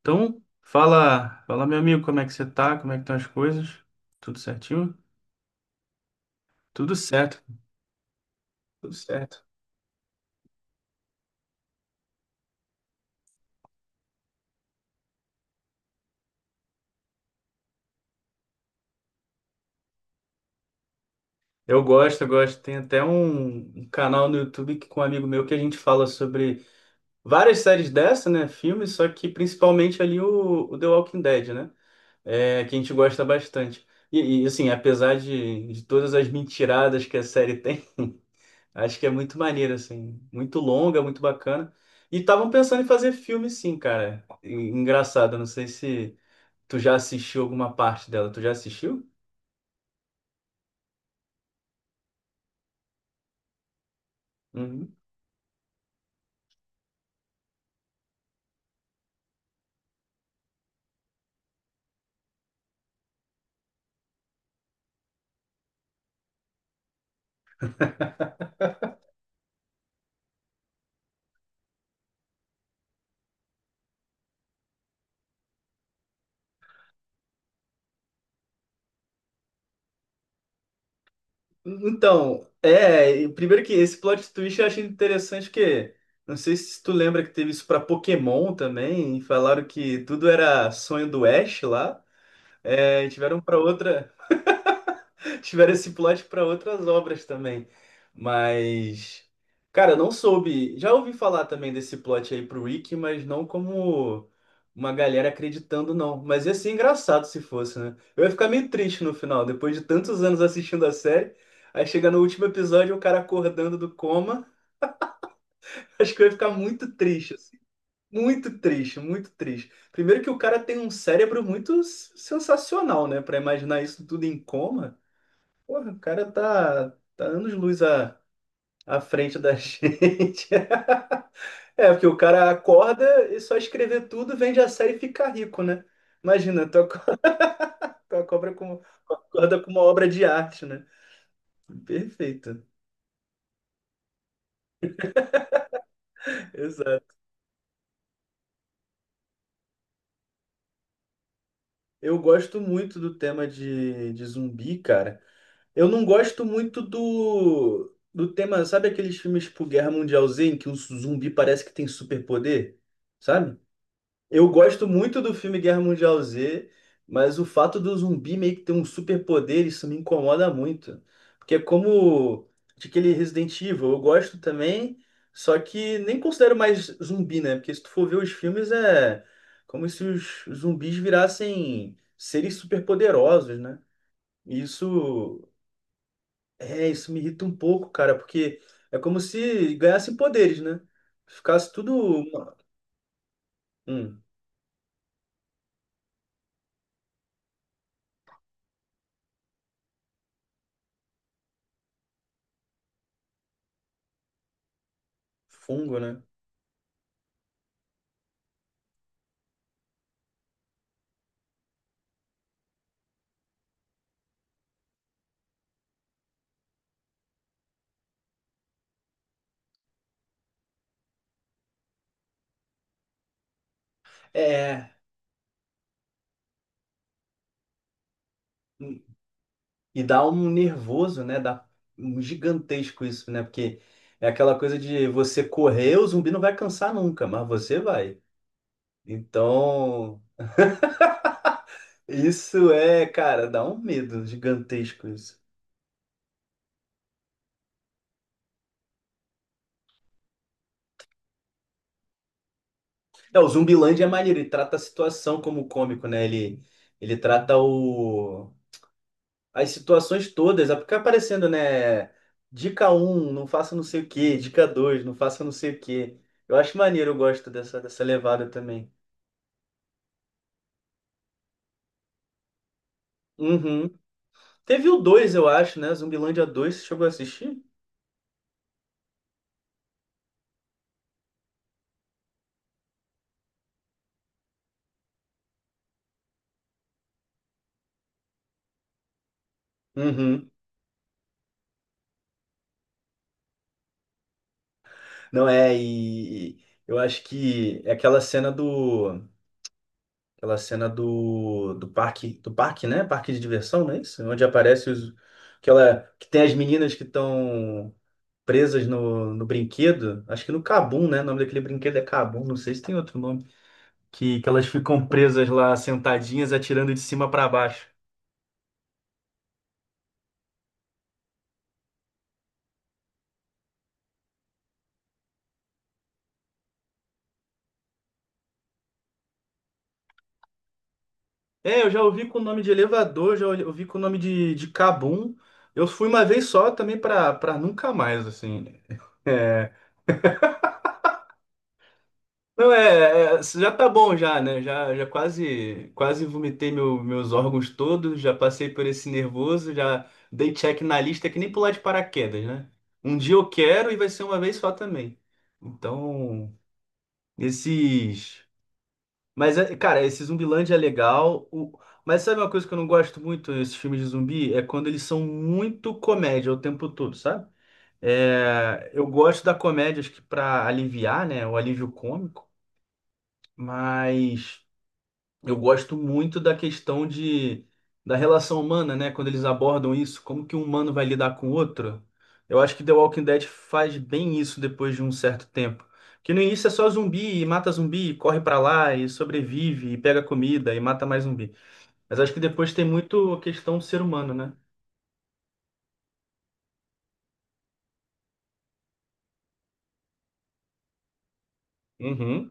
Então, fala meu amigo, como é que você tá? Como é que estão as coisas? Tudo certinho? Tudo certo, tudo certo. Eu gosto. Tem até um canal no YouTube que, com um amigo meu que a gente fala sobre várias séries dessa, né? Filmes, só que principalmente ali o The Walking Dead, né? É, que a gente gosta bastante. E, assim, apesar de todas as mentiradas que a série tem, acho que é muito maneiro, assim. Muito longa, muito bacana. E estavam pensando em fazer filme, sim, cara. Engraçado, eu não sei se tu já assistiu alguma parte dela. Tu já assistiu? Uhum. Então, é. Primeiro que esse plot twist eu achei interessante, porque não sei se tu lembra que teve isso pra Pokémon também. E falaram que tudo era sonho do Ash lá. É, e tiveram pra outra. Tiveram esse plot para outras obras também. Mas, cara, eu não soube. Já ouvi falar também desse plot aí pro Wiki, mas não como uma galera acreditando, não. Mas ia ser engraçado se fosse, né? Eu ia ficar meio triste no final, depois de tantos anos assistindo a série. Aí chega no último episódio, o cara acordando do coma. Acho que eu ia ficar muito triste, assim. Muito triste, muito triste. Primeiro que o cara tem um cérebro sensacional, né? Pra imaginar isso tudo em coma. Porra, tá anos-luz à frente da gente. É, porque o cara acorda e só escrever tudo, vende a série e fica rico, né? Imagina, tu acorda, tu acorda com, acorda com uma obra de arte, né? Perfeito. Exato. Eu gosto muito do tema de zumbi, cara. Eu não gosto muito do tema, sabe aqueles filmes tipo Guerra Mundial Z, em que um zumbi parece que tem superpoder? Sabe? Eu gosto muito do filme Guerra Mundial Z, mas o fato do zumbi meio que ter um superpoder, isso me incomoda muito. Porque é como de aquele Resident Evil, eu gosto também, só que nem considero mais zumbi, né? Porque se tu for ver os filmes, é como se os zumbis virassem seres superpoderosos, né? E Isso, isso me irrita um pouco, cara, porque é como se ganhassem poderes, né? Ficasse tudo uma- um fungo, né? É. E dá um nervoso, né? Dá um gigantesco isso, né? Porque é aquela coisa de você correr, o zumbi não vai cansar nunca, mas você vai. Então, isso é, cara, dá um medo gigantesco isso. É, o Zumbilândia é maneiro, ele trata a situação como cômico, né? Ele trata as situações todas, é porque fica aparecendo, né? Dica um, não faça não sei o quê. Dica 2, não faça não sei o quê. Eu acho maneiro, eu gosto dessa levada também. Uhum. Teve o 2, eu acho, né? Zumbilândia 2, você chegou a assistir? Uhum. Não é, e eu acho que é aquela cena do. Aquela cena do, do parque, né? Parque de diversão, não é isso? Onde aparece os, aquela, que tem as meninas que estão presas no brinquedo. Acho que no Cabum, né? O nome daquele brinquedo é Cabum, não sei se tem outro nome. Que elas ficam presas lá, sentadinhas, atirando de cima para baixo. É, eu já ouvi com o nome de elevador, já ouvi com o nome de cabum. Eu fui uma vez só também pra nunca mais, assim. É, não é, é, já tá bom já, né? Já quase quase meus órgãos todos, já passei por esse nervoso, já dei check na lista que nem pular de paraquedas, né? Um dia eu quero e vai ser uma vez só também. Então, esses… Mas, cara, esse Zumbilândia é legal. O… Mas sabe uma coisa que eu não gosto muito nesses filmes de zumbi? É quando eles são muito comédia o tempo todo, sabe? É, eu gosto da comédia, acho que pra aliviar, né? O alívio cômico. Mas. Eu gosto muito da questão de, da relação humana, né? Quando eles abordam isso, como que um humano vai lidar com o outro. Eu acho que The Walking Dead faz bem isso depois de um certo tempo. Que no início é só zumbi, e mata zumbi, e corre pra lá, e sobrevive, e pega comida, e mata mais zumbi. Mas acho que depois tem muito a questão do ser humano, né? Uhum.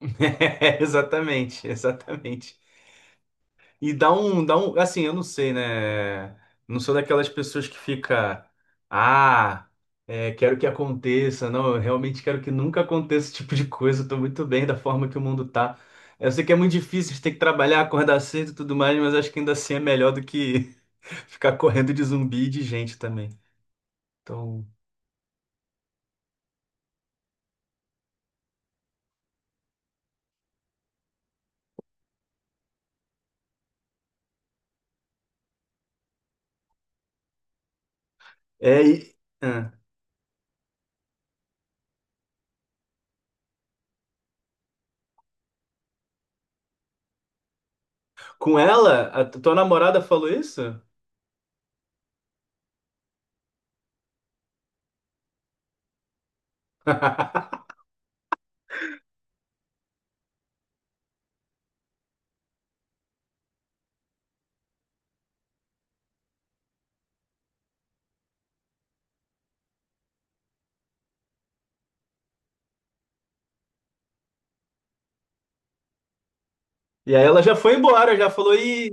Exatamente, exatamente. E dá um, assim, eu não sei, né? Não sou daquelas pessoas que fica, ah, é, quero que aconteça. Não, eu realmente quero que nunca aconteça esse tipo de coisa. Eu tô muito bem da forma que o mundo tá. Eu sei que é muito difícil, a gente tem que trabalhar, acordar cedo e tudo mais, mas acho que ainda assim é melhor do que ficar correndo de zumbi e de gente também. Então, é, e, ah. Com ela, a tua namorada falou isso? E aí ela já foi embora, já falou, e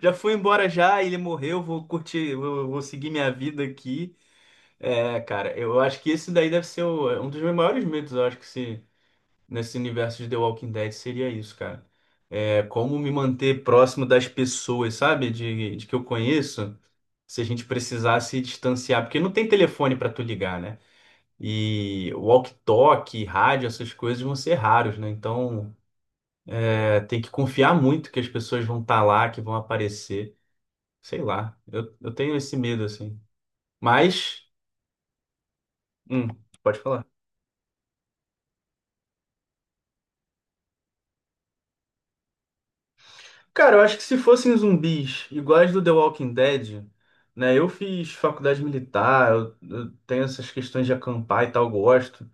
já fui embora já, ele morreu, vou curtir, vou seguir minha vida aqui. É, cara, eu acho que esse daí deve ser é um dos meus maiores medos, eu acho que se, nesse universo de The Walking Dead seria isso, cara. É como me manter próximo das pessoas, sabe? De que eu conheço, se a gente precisar se distanciar, porque não tem telefone pra tu ligar, né? E walkie-talkie, rádio, essas coisas vão ser raros, né? Então, é, tem que confiar muito que as pessoas vão estar lá, que vão aparecer. Sei lá, eu tenho esse medo, assim. Mas, hum, pode falar. Cara, eu acho que se fossem zumbis iguais do The Walking Dead, né? Eu fiz faculdade militar, eu tenho essas questões de acampar e tal, gosto.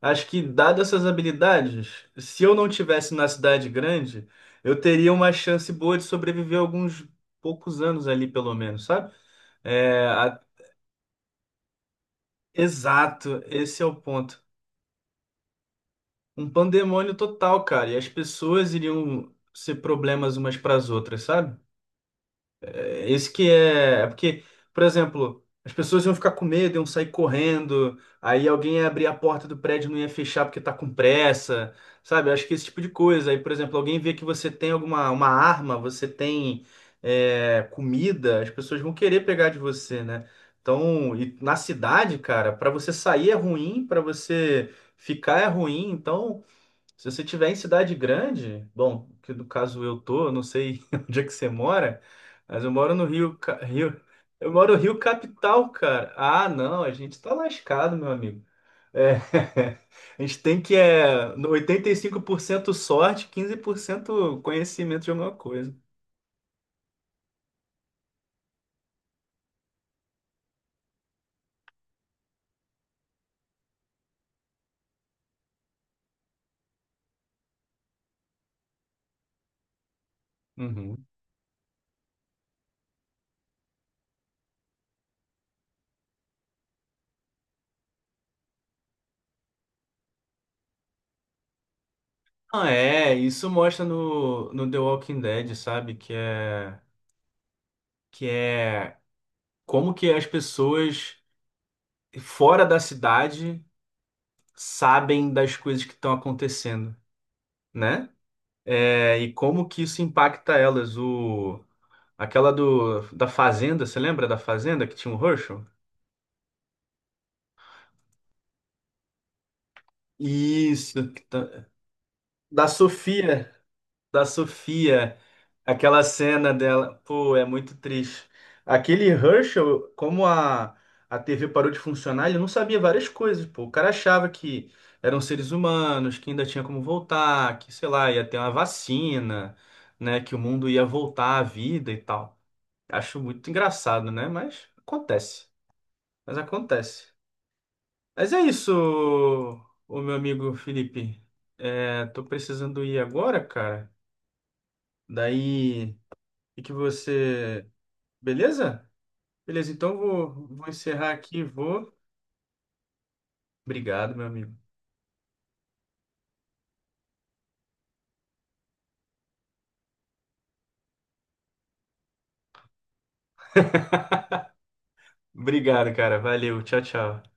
Acho que, dadas essas habilidades, se eu não tivesse na cidade grande, eu teria uma chance boa de sobreviver alguns poucos anos ali, pelo menos, sabe? É, a- Exato, esse é o ponto. Um pandemônio total, cara, e as pessoas iriam ser problemas umas para as outras, sabe? É, Esse que é, é porque, por exemplo, as pessoas iam ficar com medo, iam sair correndo, aí alguém ia abrir a porta do prédio e não ia fechar porque tá com pressa, sabe? Eu acho que esse tipo de coisa. Aí, por exemplo, alguém vê que você tem alguma uma arma, você tem é, comida, as pessoas vão querer pegar de você, né? Então, e na cidade, cara, pra você sair é ruim, pra você ficar é ruim, então se você tiver em cidade grande, bom, que no caso eu tô, eu não sei onde é que você mora, mas eu moro no Rio, Ca- Rio, eu moro no Rio Capital, cara. Ah, não, a gente tá lascado, meu amigo. É, a gente tem que é no 85% sorte, 15% conhecimento de alguma coisa. Uhum. Ah, é, isso mostra no The Walking Dead, sabe? Que é como que as pessoas fora da cidade sabem das coisas que estão acontecendo, né? É, e como que isso impacta elas. O, aquela do, da Fazenda, você lembra da Fazenda que tinha o Herschel? Isso, que tá- da Sofia da Sofia, aquela cena dela, pô, é muito triste. Aquele Herschel, como a TV parou de funcionar, ele não sabia várias coisas, pô. O cara achava que eram seres humanos, que ainda tinha como voltar, que, sei lá, ia ter uma vacina, né, que o mundo ia voltar à vida e tal. Acho muito engraçado, né? Mas acontece. Mas acontece. Mas é isso, o meu amigo Felipe. É, tô precisando ir agora, cara. Daí e que você. Beleza? Beleza, então vou, vou encerrar aqui, vou. Obrigado, meu amigo. Obrigado, cara. Valeu. Tchau, tchau.